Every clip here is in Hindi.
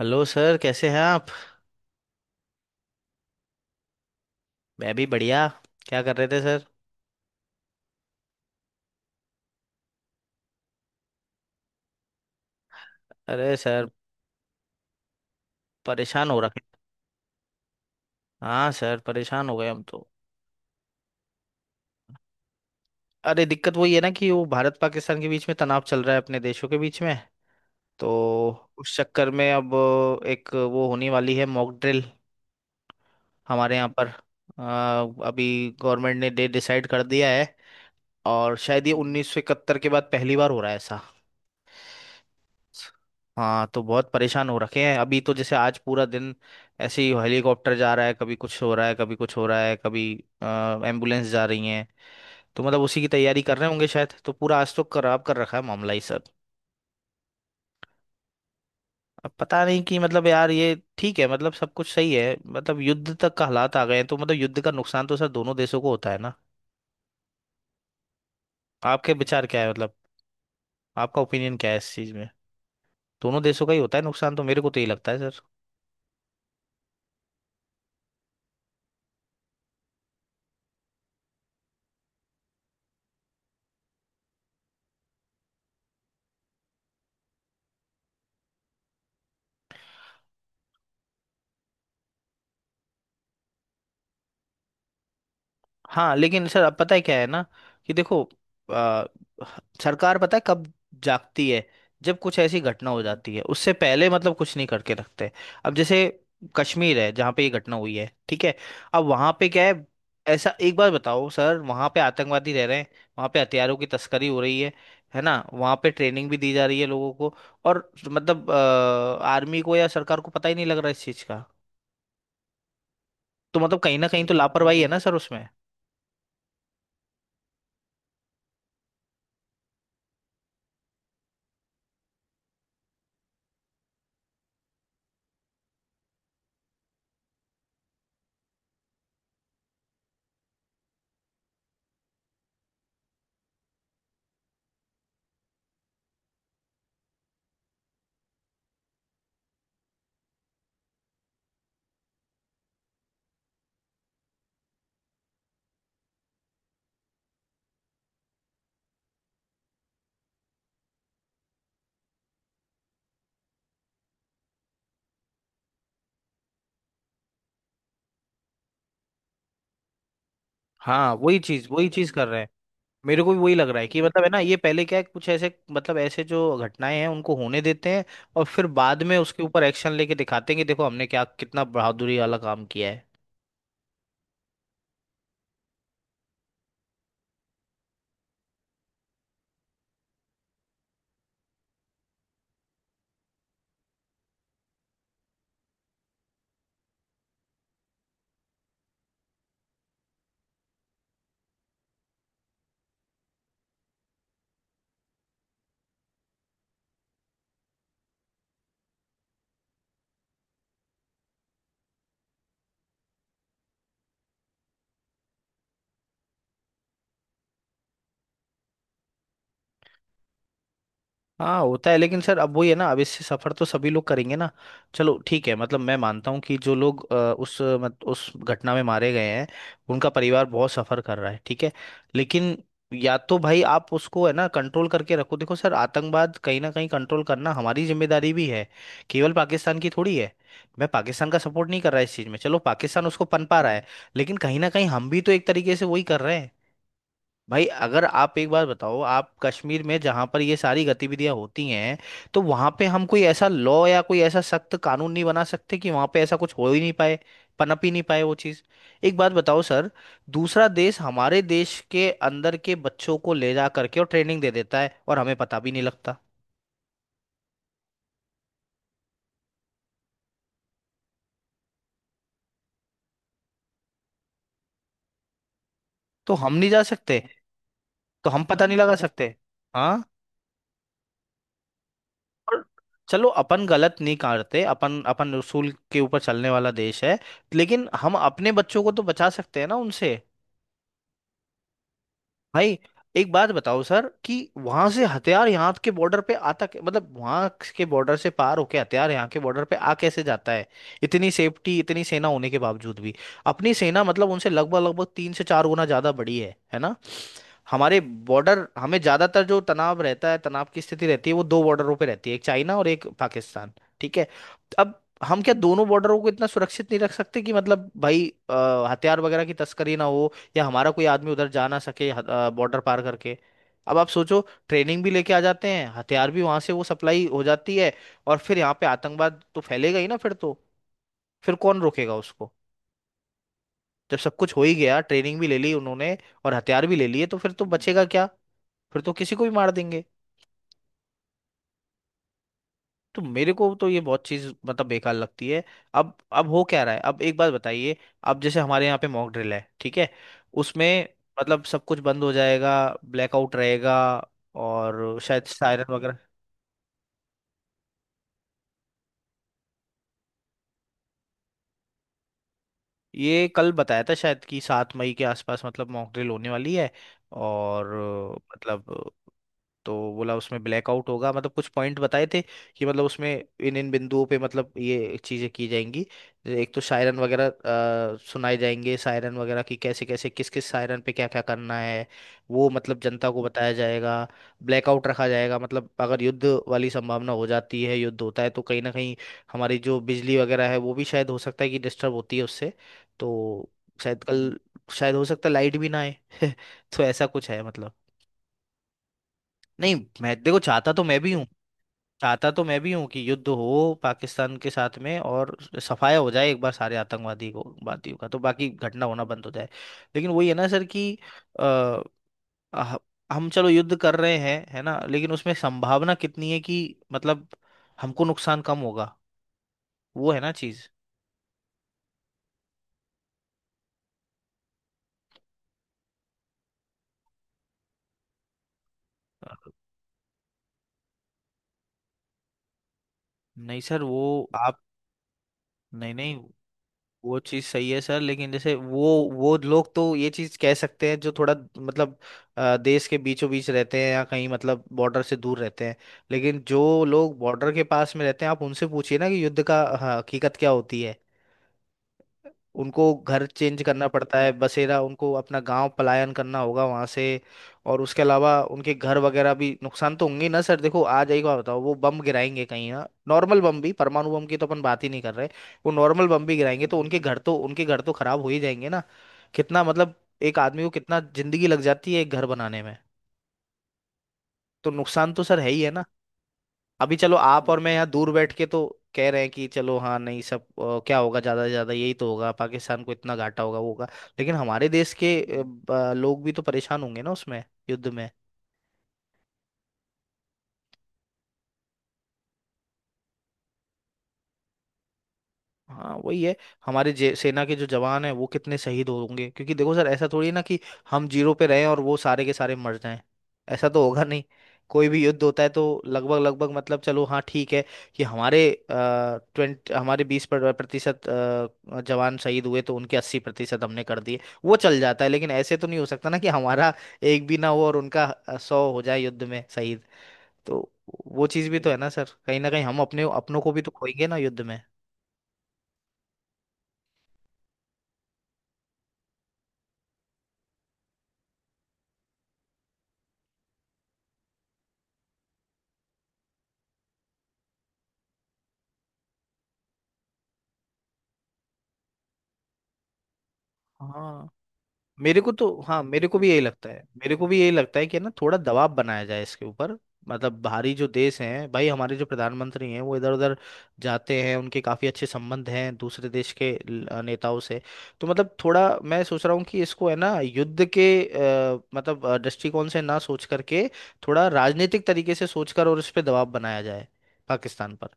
हेलो सर कैसे हैं आप। मैं भी बढ़िया। क्या कर रहे थे सर? अरे सर परेशान हो रखे। हाँ सर परेशान हो गए हम तो। अरे दिक्कत वही है ना कि वो भारत पाकिस्तान के बीच में तनाव चल रहा है अपने देशों के बीच में, तो उस चक्कर में अब एक वो होने वाली है मॉक ड्रिल हमारे यहाँ पर, अभी गवर्नमेंट ने डेट डिसाइड कर दिया है। और शायद ये 1971 के बाद पहली बार हो रहा है ऐसा। हाँ तो बहुत परेशान हो रखे हैं अभी, तो जैसे आज पूरा दिन ऐसे ही हेलीकॉप्टर जा रहा है, कभी कुछ हो रहा है कभी कुछ हो रहा है, कभी एम्बुलेंस जा रही है। तो मतलब उसी की तैयारी कर रहे होंगे शायद, तो पूरा आज तो खराब कर रखा है मामला ही सब। अब पता नहीं कि मतलब यार ये ठीक है, मतलब सब कुछ सही है, मतलब युद्ध तक का हालात आ गए हैं, तो मतलब युद्ध का नुकसान तो सर दोनों देशों को होता है ना। आपके विचार क्या है मतलब, आपका ओपिनियन क्या है इस चीज में? दोनों देशों का ही होता है नुकसान, तो मेरे को तो यही लगता है सर। हाँ लेकिन सर अब पता है क्या है ना कि देखो, आ, सरकार पता है कब जागती है? जब कुछ ऐसी घटना हो जाती है, उससे पहले मतलब कुछ नहीं करके रखते। अब जैसे कश्मीर है जहाँ पे ये घटना हुई है, ठीक है, अब वहाँ पे क्या है, ऐसा एक बार बताओ सर, वहाँ पे आतंकवादी रह रहे हैं, वहाँ पे हथियारों की तस्करी हो रही है ना, वहाँ पे ट्रेनिंग भी दी जा रही है लोगों को, और मतलब आर्मी को या सरकार को पता ही नहीं लग रहा इस चीज़ का। तो मतलब कहीं ना कहीं तो लापरवाही है ना सर उसमें। हाँ वही चीज़ कर रहे हैं। मेरे को भी वही लग रहा है कि मतलब है ना, ये पहले क्या है, कुछ ऐसे मतलब ऐसे जो घटनाएं हैं उनको होने देते हैं, और फिर बाद में उसके ऊपर एक्शन लेके दिखाते हैं कि देखो हमने क्या कितना बहादुरी वाला काम किया है। हाँ होता है, लेकिन सर अब वही है ना, अब इससे सफर तो सभी लोग करेंगे ना। चलो ठीक है, मतलब मैं मानता हूँ कि जो लोग अ, उस अ, मत, उस घटना में मारे गए हैं, उनका परिवार बहुत सफर कर रहा है, ठीक है, लेकिन या तो भाई आप उसको है ना कंट्रोल करके रखो। देखो सर, आतंकवाद कहीं ना कहीं कंट्रोल करना हमारी जिम्मेदारी भी है, केवल पाकिस्तान की थोड़ी है। मैं पाकिस्तान का सपोर्ट नहीं कर रहा इस चीज़ में, चलो पाकिस्तान उसको पनपा रहा है, लेकिन कहीं ना कहीं हम भी तो एक तरीके से वही कर रहे हैं। भाई अगर आप एक बार बताओ, आप कश्मीर में जहां पर ये सारी गतिविधियां होती हैं, तो वहां पे हम कोई ऐसा लॉ या कोई ऐसा सख्त कानून नहीं बना सकते कि वहां पे ऐसा कुछ हो ही नहीं पाए, पनप ही नहीं पाए वो चीज? एक बात बताओ सर, दूसरा देश हमारे देश के अंदर के बच्चों को ले जा करके और ट्रेनिंग दे देता है और हमें पता भी नहीं लगता, तो हम नहीं जा सकते, तो हम पता नहीं लगा सकते? हाँ और चलो अपन गलत नहीं करते, अपन अपन उसूल के ऊपर चलने वाला देश है, लेकिन हम अपने बच्चों को तो बचा सकते हैं ना उनसे। भाई एक बात बताओ सर कि वहां से हथियार यहाँ के बॉर्डर पे आता मतलब वहां के बॉर्डर से पार होके हथियार यहाँ के बॉर्डर पे आ कैसे जाता है, इतनी सेफ्टी इतनी सेना होने के बावजूद भी? अपनी सेना मतलब उनसे लगभग लगभग 3 से 4 गुना ज्यादा बड़ी है ना? हमारे बॉर्डर, हमें ज्यादातर जो तनाव रहता है, तनाव की स्थिति रहती है, वो दो बॉर्डरों पे रहती है, एक चाइना और एक पाकिस्तान, ठीक है। अब हम क्या दोनों बॉर्डरों को इतना सुरक्षित नहीं रख सकते कि मतलब भाई हथियार वगैरह की तस्करी ना हो या हमारा कोई आदमी उधर जा ना सके, बॉर्डर पार करके? अब आप सोचो, ट्रेनिंग भी लेके आ जाते हैं, हथियार भी वहां से वो सप्लाई हो जाती है, और फिर यहाँ पे आतंकवाद तो फैलेगा ही ना फिर तो, फिर कौन रोकेगा उसको? जब सब कुछ हो ही गया, ट्रेनिंग भी ले ली उन्होंने और हथियार भी ले लिए, तो फिर तो बचेगा क्या, फिर तो किसी को भी मार देंगे। तो मेरे को तो ये बहुत चीज मतलब बेकार लगती है। अब हो क्या रहा है, अब एक बात बताइए, अब जैसे हमारे यहाँ पे मॉक ड्रिल है, ठीक है, उसमें मतलब सब कुछ बंद हो जाएगा, ब्लैकआउट रहेगा और शायद सायरन वगैरह। ये कल बताया था शायद कि 7 मई के आसपास मतलब मॉक ड्रिल होने वाली है, और मतलब तो बोला उसमें ब्लैकआउट होगा, मतलब कुछ पॉइंट बताए थे कि मतलब उसमें इन इन बिंदुओं पे मतलब ये चीज़ें की जाएंगी। एक तो शायरन वगैरह सुनाए जाएंगे, शायरन वगैरह की कैसे कैसे किस किस शायरन पे क्या क्या करना है, वो मतलब जनता को बताया जाएगा। ब्लैकआउट रखा जाएगा, मतलब अगर युद्ध वाली संभावना हो जाती है, युद्ध होता है, तो कहीं ना कहीं हमारी जो बिजली वगैरह है वो भी शायद हो सकता है कि डिस्टर्ब होती है उससे, तो शायद कल, शायद हो सकता है लाइट भी ना आए। तो ऐसा कुछ है मतलब। नहीं, मैं देखो चाहता तो मैं भी हूँ, कि युद्ध हो पाकिस्तान के साथ में, और सफाया हो जाए एक बार सारे आतंकवादी को वादियों का, तो बाकी घटना होना बंद हो जाए। लेकिन वही है ना सर कि अ, ह- हम चलो युद्ध कर रहे हैं है ना, लेकिन उसमें संभावना कितनी है कि मतलब हमको नुकसान कम होगा, वो है ना चीज। नहीं सर वो, आप, नहीं नहीं, वो चीज़ सही है सर, लेकिन जैसे वो लोग तो ये चीज़ कह सकते हैं जो थोड़ा मतलब देश के बीचों बीच रहते हैं या कहीं मतलब बॉर्डर से दूर रहते हैं, लेकिन जो लोग बॉर्डर के पास में रहते हैं आप उनसे पूछिए ना कि युद्ध का, हाँ, हकीकत क्या होती है। उनको घर चेंज करना पड़ता है, बसेरा, उनको अपना गांव पलायन करना होगा वहां से, और उसके अलावा उनके घर वगैरह भी नुकसान तो होंगे ही ना सर। देखो आ जाएगा, बताओ वो बम गिराएंगे कहीं ना, नॉर्मल बम भी, परमाणु बम की तो अपन बात ही नहीं कर रहे, वो नॉर्मल बम भी गिराएंगे तो उनके घर तो खराब हो ही जाएंगे ना। कितना मतलब, एक आदमी को कितना जिंदगी लग जाती है एक घर बनाने में। तो नुकसान तो सर है ही है ना। अभी चलो आप और मैं यहाँ दूर बैठ के तो कह रहे हैं कि चलो हाँ, नहीं सब क्या होगा, ज्यादा से ज्यादा यही तो होगा पाकिस्तान को इतना घाटा होगा वो होगा, लेकिन हमारे देश के लोग भी तो परेशान होंगे ना उसमें, युद्ध में। हाँ वही है, हमारे सेना के जो जवान हैं वो कितने शहीद होंगे, क्योंकि देखो सर ऐसा थोड़ी है ना कि हम जीरो पे रहें और वो सारे के सारे मर जाएं, ऐसा तो होगा नहीं। कोई भी युद्ध होता है तो लगभग लगभग मतलब, चलो हाँ ठीक है कि हमारे ट्वेंट हमारे 20% जवान शहीद हुए तो उनके 80% हमने कर दिए, वो चल जाता है, लेकिन ऐसे तो नहीं हो सकता ना कि हमारा एक भी ना हो और उनका 100 हो जाए युद्ध में शहीद। तो वो चीज़ भी तो है ना सर, कहीं ना कहीं हम अपने अपनों को भी तो खोएंगे ना युद्ध में। हाँ मेरे को तो, हाँ, मेरे को भी यही लगता है, कि ना थोड़ा दबाव बनाया जाए इसके ऊपर। मतलब बाहरी जो देश हैं, भाई हमारे जो प्रधानमंत्री हैं वो इधर उधर जाते हैं, उनके काफ़ी अच्छे संबंध हैं दूसरे देश के नेताओं से, तो मतलब थोड़ा मैं सोच रहा हूँ कि इसको है ना युद्ध के मतलब दृष्टिकोण से ना सोच करके, थोड़ा राजनीतिक तरीके से सोचकर और इस पे दबाव बनाया जाए पाकिस्तान पर।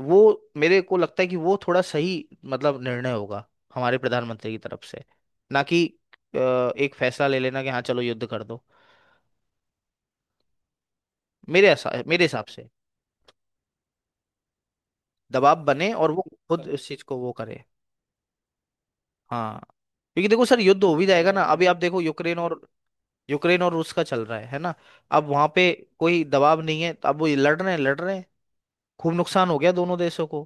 वो मेरे को लगता है कि वो थोड़ा सही मतलब निर्णय होगा हमारे प्रधानमंत्री की तरफ से, ना कि अ, एक फैसला ले लेना कि हाँ चलो युद्ध कर दो, मेरे हिसाब से। दबाव बने और वो खुद सर इस चीज को वो करे। हाँ, क्योंकि देखो सर, युद्ध हो भी जाएगा ना, अभी आप देखो यूक्रेन और रूस का चल रहा है ना, अब वहां पे कोई दबाव नहीं है, तो अब वो लड़ रहे हैं लड़ रहे हैं, खूब नुकसान हो गया दोनों देशों को,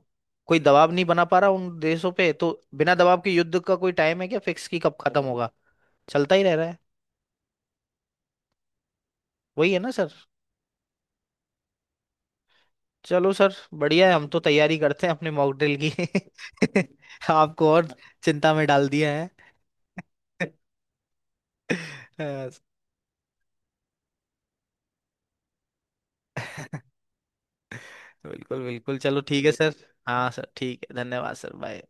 कोई दबाव नहीं बना पा रहा उन देशों पे, तो बिना दबाव के युद्ध का कोई टाइम है क्या फिक्स की कब खत्म होगा, चलता ही रह रहा है। वही है ना सर। चलो सर, बढ़िया है, हम तो तैयारी करते हैं अपने मॉक ड्रिल की। आपको और चिंता में डाल दिया है। अ, बिल्कुल बिल्कुल, चलो ठीक है सर। हाँ सर ठीक है, धन्यवाद सर, बाय।